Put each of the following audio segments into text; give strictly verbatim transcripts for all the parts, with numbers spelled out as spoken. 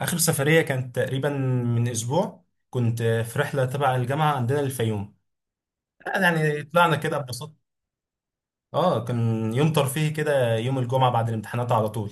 آخر سفرية كانت تقريبا من أسبوع. كنت في رحلة تبع الجامعة عندنا الفيوم. يعني طلعنا كده ببساطة. آه، كان يوم ترفيهي كده، يوم الجمعة بعد الامتحانات على طول.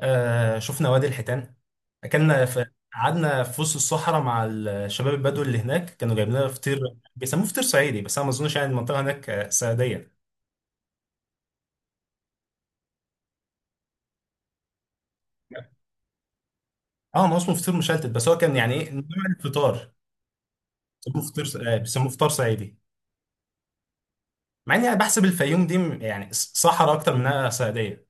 آه شفنا وادي الحيتان، أكلنا في، قعدنا في وسط الصحراء مع الشباب البدو اللي هناك، كانوا جايبين لنا فطير بيسموه فطير صعيدي، بس أنا ما أظنش يعني المنطقة هناك آه، صعيدية. اه، ما هو اسمه فطير مشلتت، بس هو كان يعني ايه نوع الفطار. بيسموه فطير، آه، بيسموه فطار صعيدي. مع اني انا بحسب الفيوم دي م- يعني صحراء اكتر منها صعيديه.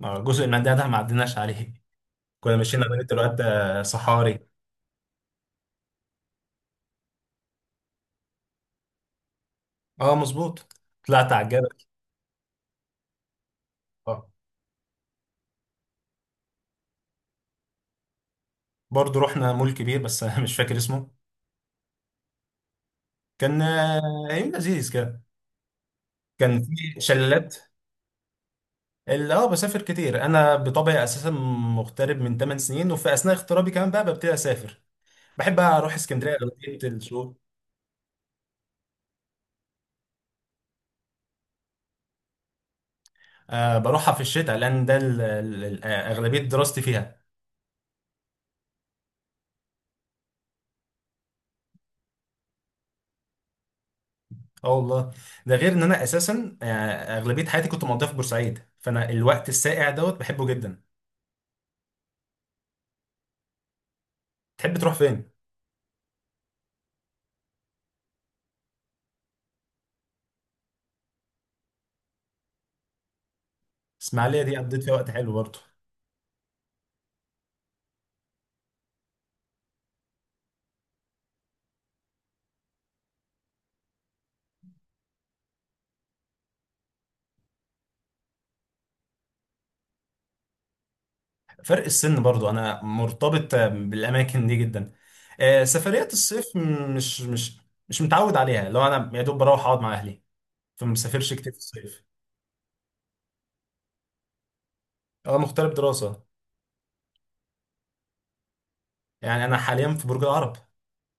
ما جزء من ده ده ما عديناش عليه، كنا ماشيين على بنت الواد ده صحاري. اه مظبوط، طلعت على الجبل. اه، برضه رحنا مول كبير بس أنا مش فاكر اسمه. كان آه، يوم لذيذ كده، كان في شلالات. اللي اه بسافر كتير انا بطبعي اساسا، مغترب من تمن سنين، وفي اثناء اغترابي كمان بقى ببتدي اسافر. بحب اروح اسكندريه اغلبيه الشغل. آه بروحها في الشتاء لان ده ال- ال- ال- اغلبيه دراستي فيها. اه والله، ده غير ان انا اساسا، آه، اغلبيه حياتي كنت مقضيها في بورسعيد، فانا الوقت الساقع دوت بحبه جدا. تحب تروح فين؟ اسماعيليه دي قضيت فيها وقت حلو برضه. فرق السن برضه انا مرتبط، آه، بالاماكن دي جدا. آه، سفريات الصيف م- مش مش مش متعود عليها، لو انا يا دوب بروح اقعد مع اهلي، فما بسافرش كتير في الصيف. اه مغترب دراسه. يعني انا حاليا في برج العرب،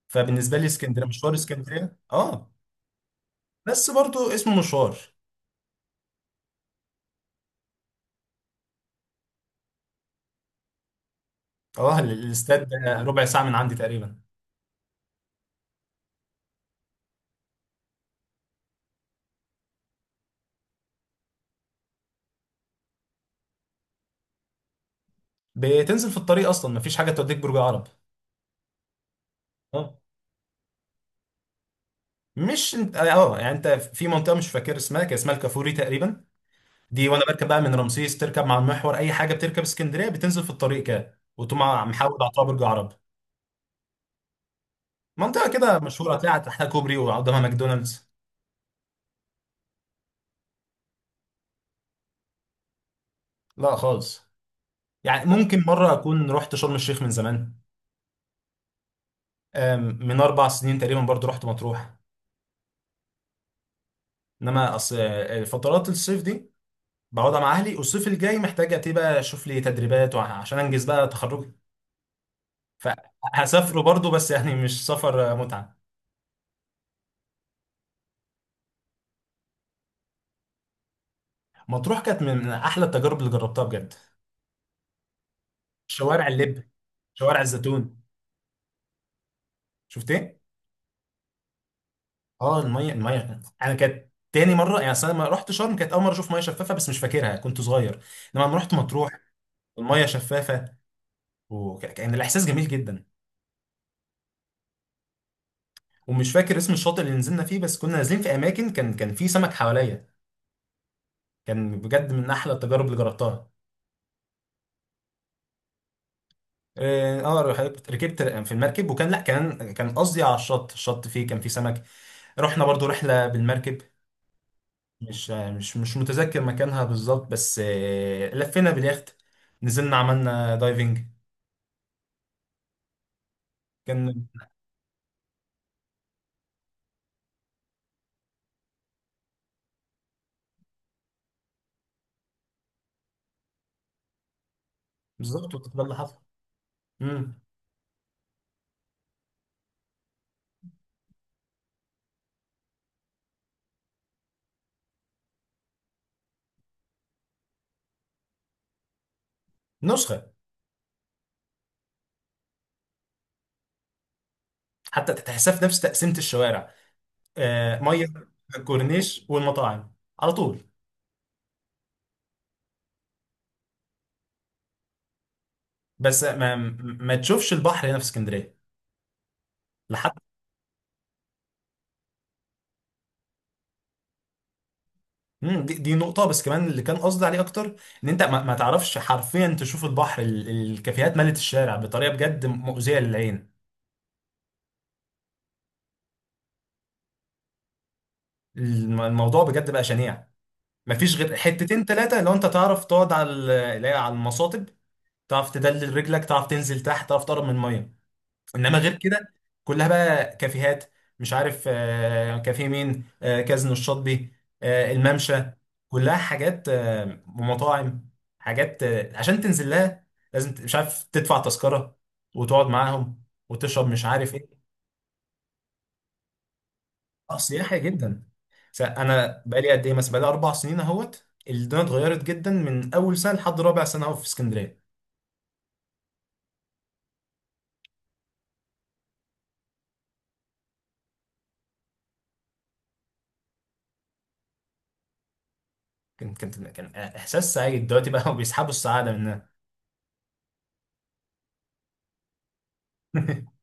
فبالنسبه لي اسكندريه مشوار، اسكندريه اه، بس برضه اسمه مشوار. اه ال- الاستاد ده ربع ساعه من عندي تقريبا. بتنزل في الطريق اصلا، مفيش حاجه توديك برج عرب. اه مش انت اه، آه، يعني انت في منطقه مش فاكر اسمها، كان اسمها الكافوري تقريبا. دي وانا بركب بقى من رمسيس، تركب مع المحور اي حاجه بتركب اسكندريه بتنزل في الطريق كده، وتقوم ع- محاول على برج عرب. منطقه كده مشهوره، هتلاقي تحتها كوبري وقدامها ماكدونالدز. لا خالص، يعني ممكن مره اكون رحت شرم الشيخ من زمان. آم، من اربع سنين تقريبا برضو رحت مطروح. انما اصل، آه، فترات الصيف دي بقعدها مع اهلي، والصيف الجاي محتاج ابتدي بقى اشوف لي تدريبات وعشان انجز بقى تخرج، فهسافره برضو بس يعني مش سفر آه، متعة. مطروح كانت من احلى التجارب اللي جربتها بجد. شوارع اللب، شوارع الزيتون. شفت ايه؟ اه، المية المية انا كانت تاني مرة، يعني أصل انا لما رحت شرم كانت اول مرة اشوف مية شفافة، بس مش فاكرها كنت صغير. انما لما رحت مطروح المية شفافة، وكان الاحساس جميل جدا. ومش فاكر اسم الشاطئ اللي نزلنا فيه، بس كنا نازلين في اماكن كان كان في سمك حواليا. كان بجد من احلى التجارب اللي جربتها. اه، آه، رحت- ركبت في المركب، وكان لا كان كان قصدي على الشط، الشط فيه كان فيه سمك. رحنا برضو رحلة بالمركب. مش مش مش متذكر مكانها بالظبط، بس آه، لفينا باليخت، نزلنا عملنا دايفنج. كان بالظبط وقت ده اللي حصل. مم. نسخة، حتى تحسها في نفس تقسيمة الشوارع، آه، مية الكورنيش والمطاعم على طول. بس ما ما تشوفش البحر هنا في اسكندرية لحد. امم، دي, دي نقطة بس كمان اللي كان قصدي عليه أكتر. إن أنت ما, ما تعرفش حرفيا تشوف البحر، ال- الكافيهات ملت الشارع بطريقة بجد مؤذية للعين. الم- الموضوع بجد بقى شنيع. مفيش غير حتتين تلاتة لو أنت تعرف تقعد على ال- اللي هي على المصاطب، تعرف تدلل رجلك، تعرف تنزل تحت، تعرف تقرب من المية. انما غير كده كلها بقى كافيهات. مش عارف، آه، كافيه مين، آه، كازينو الشاطبي، آه، الممشى، كلها حاجات آه، ومطاعم. حاجات آه، عشان تنزل لها لازم ت- مش عارف تدفع تذكرة وتقعد معاهم وتشرب مش عارف ايه. اه سياحي جدا. س- انا بقالي قد ايه مثلا، بقالي اربع سنين اهوت، الدنيا اتغيرت جدا من اول سنه لحد رابع سنه اهو في اسكندريه. كان كان كان احساس سعيد، دلوقتي بقى هو بيسحبوا السعاده منها.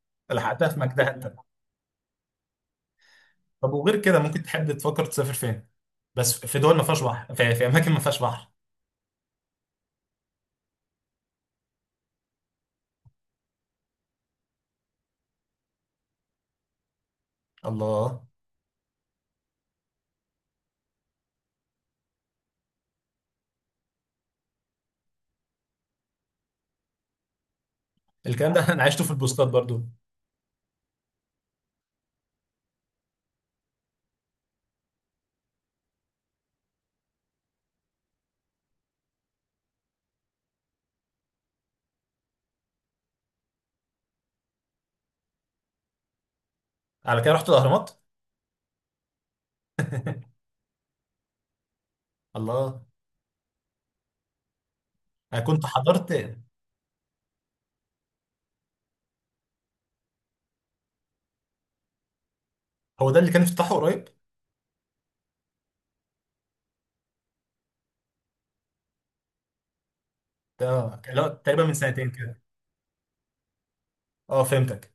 لحقتها في مجدها. طب وغير كده ممكن تحب تفكر تسافر فين؟ بس في دول ما فيهاش بحر، في, في اماكن ما فيهاش بحر. الله. الكلام ده انا عشته في البوستات برضو. على كده رحت الاهرامات. الله، انا كنت حضرت. هو ده اللي كان افتتاحه قريب؟ ده كان- لا تقريبا من سنتين كده. اه فهمتك.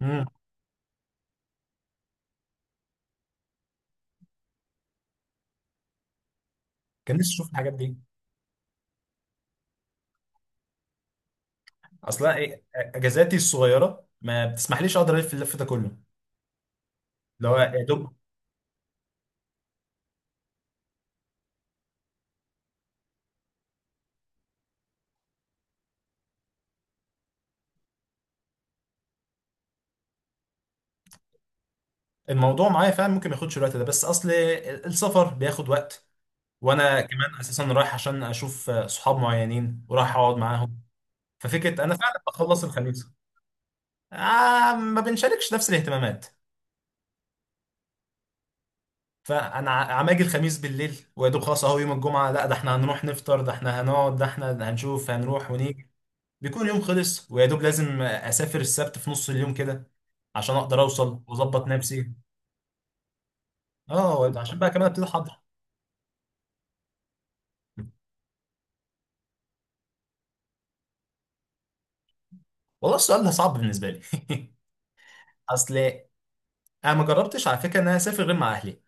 امم. كان نفسي اشوف الحاجات دي. اصلا ايه، اجازاتي الصغيره ما بتسمحليش اقدر الف، اللف ده كله لو يا دوب. الموضوع معايا فعلا ممكن ما ياخدش الوقت ده، بس اصل السفر بياخد وقت. وانا كمان اساسا رايح عشان اشوف، آه، صحاب معينين، ورايح اقعد معاهم. ففكره انا فعلا بخلص الخميس. آه ما بنشاركش نفس الاهتمامات. فانا ع- عماجي الخميس بالليل ويا دوب خلاص اهو يوم الجمعه، لا ده احنا هنروح نفطر، ده احنا هنقعد، ده احنا هنشوف، هنروح ونيجي، بيكون يوم خلص. ويا دوب لازم آه، اسافر السبت في نص اليوم كده عشان اقدر اوصل واظبط نفسي. اه عشان بقى كمان ابتدي احضر. والله السؤال ده صعب بالنسبه لي. اصل انا ما جربتش على فكره ان انا اسافر غير مع اهلي.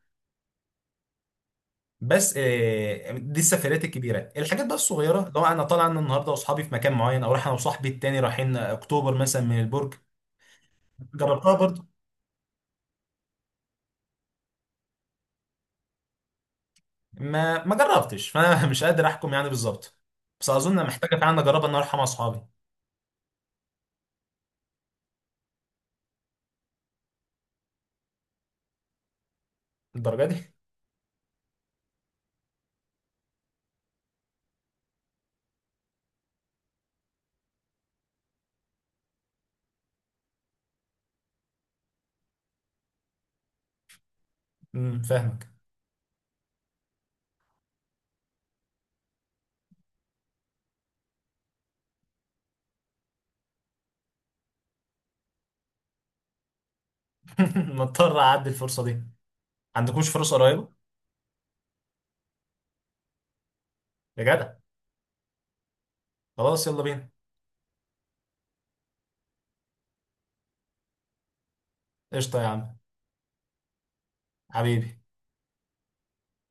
بس آه، دي السفريات الكبيره، الحاجات بقى الصغيره لو انا طالع انا النهارده واصحابي في مكان معين، او رايح انا وصاحبي التاني رايحين اكتوبر مثلا من البرج. جربتها برضه. ما ما جربتش فانا مش قادر احكم يعني بالظبط، بس اظن محتاجه فعلا اجرب ان أنا اروح مع اصحابي. الدرجه دي؟ امم فاهمك. مضطر اعدي الفرصه دي. عندكوش فرصه قريبه؟ يا جدع. خلاص يلا بينا. قشطه يا عم. حبيبي.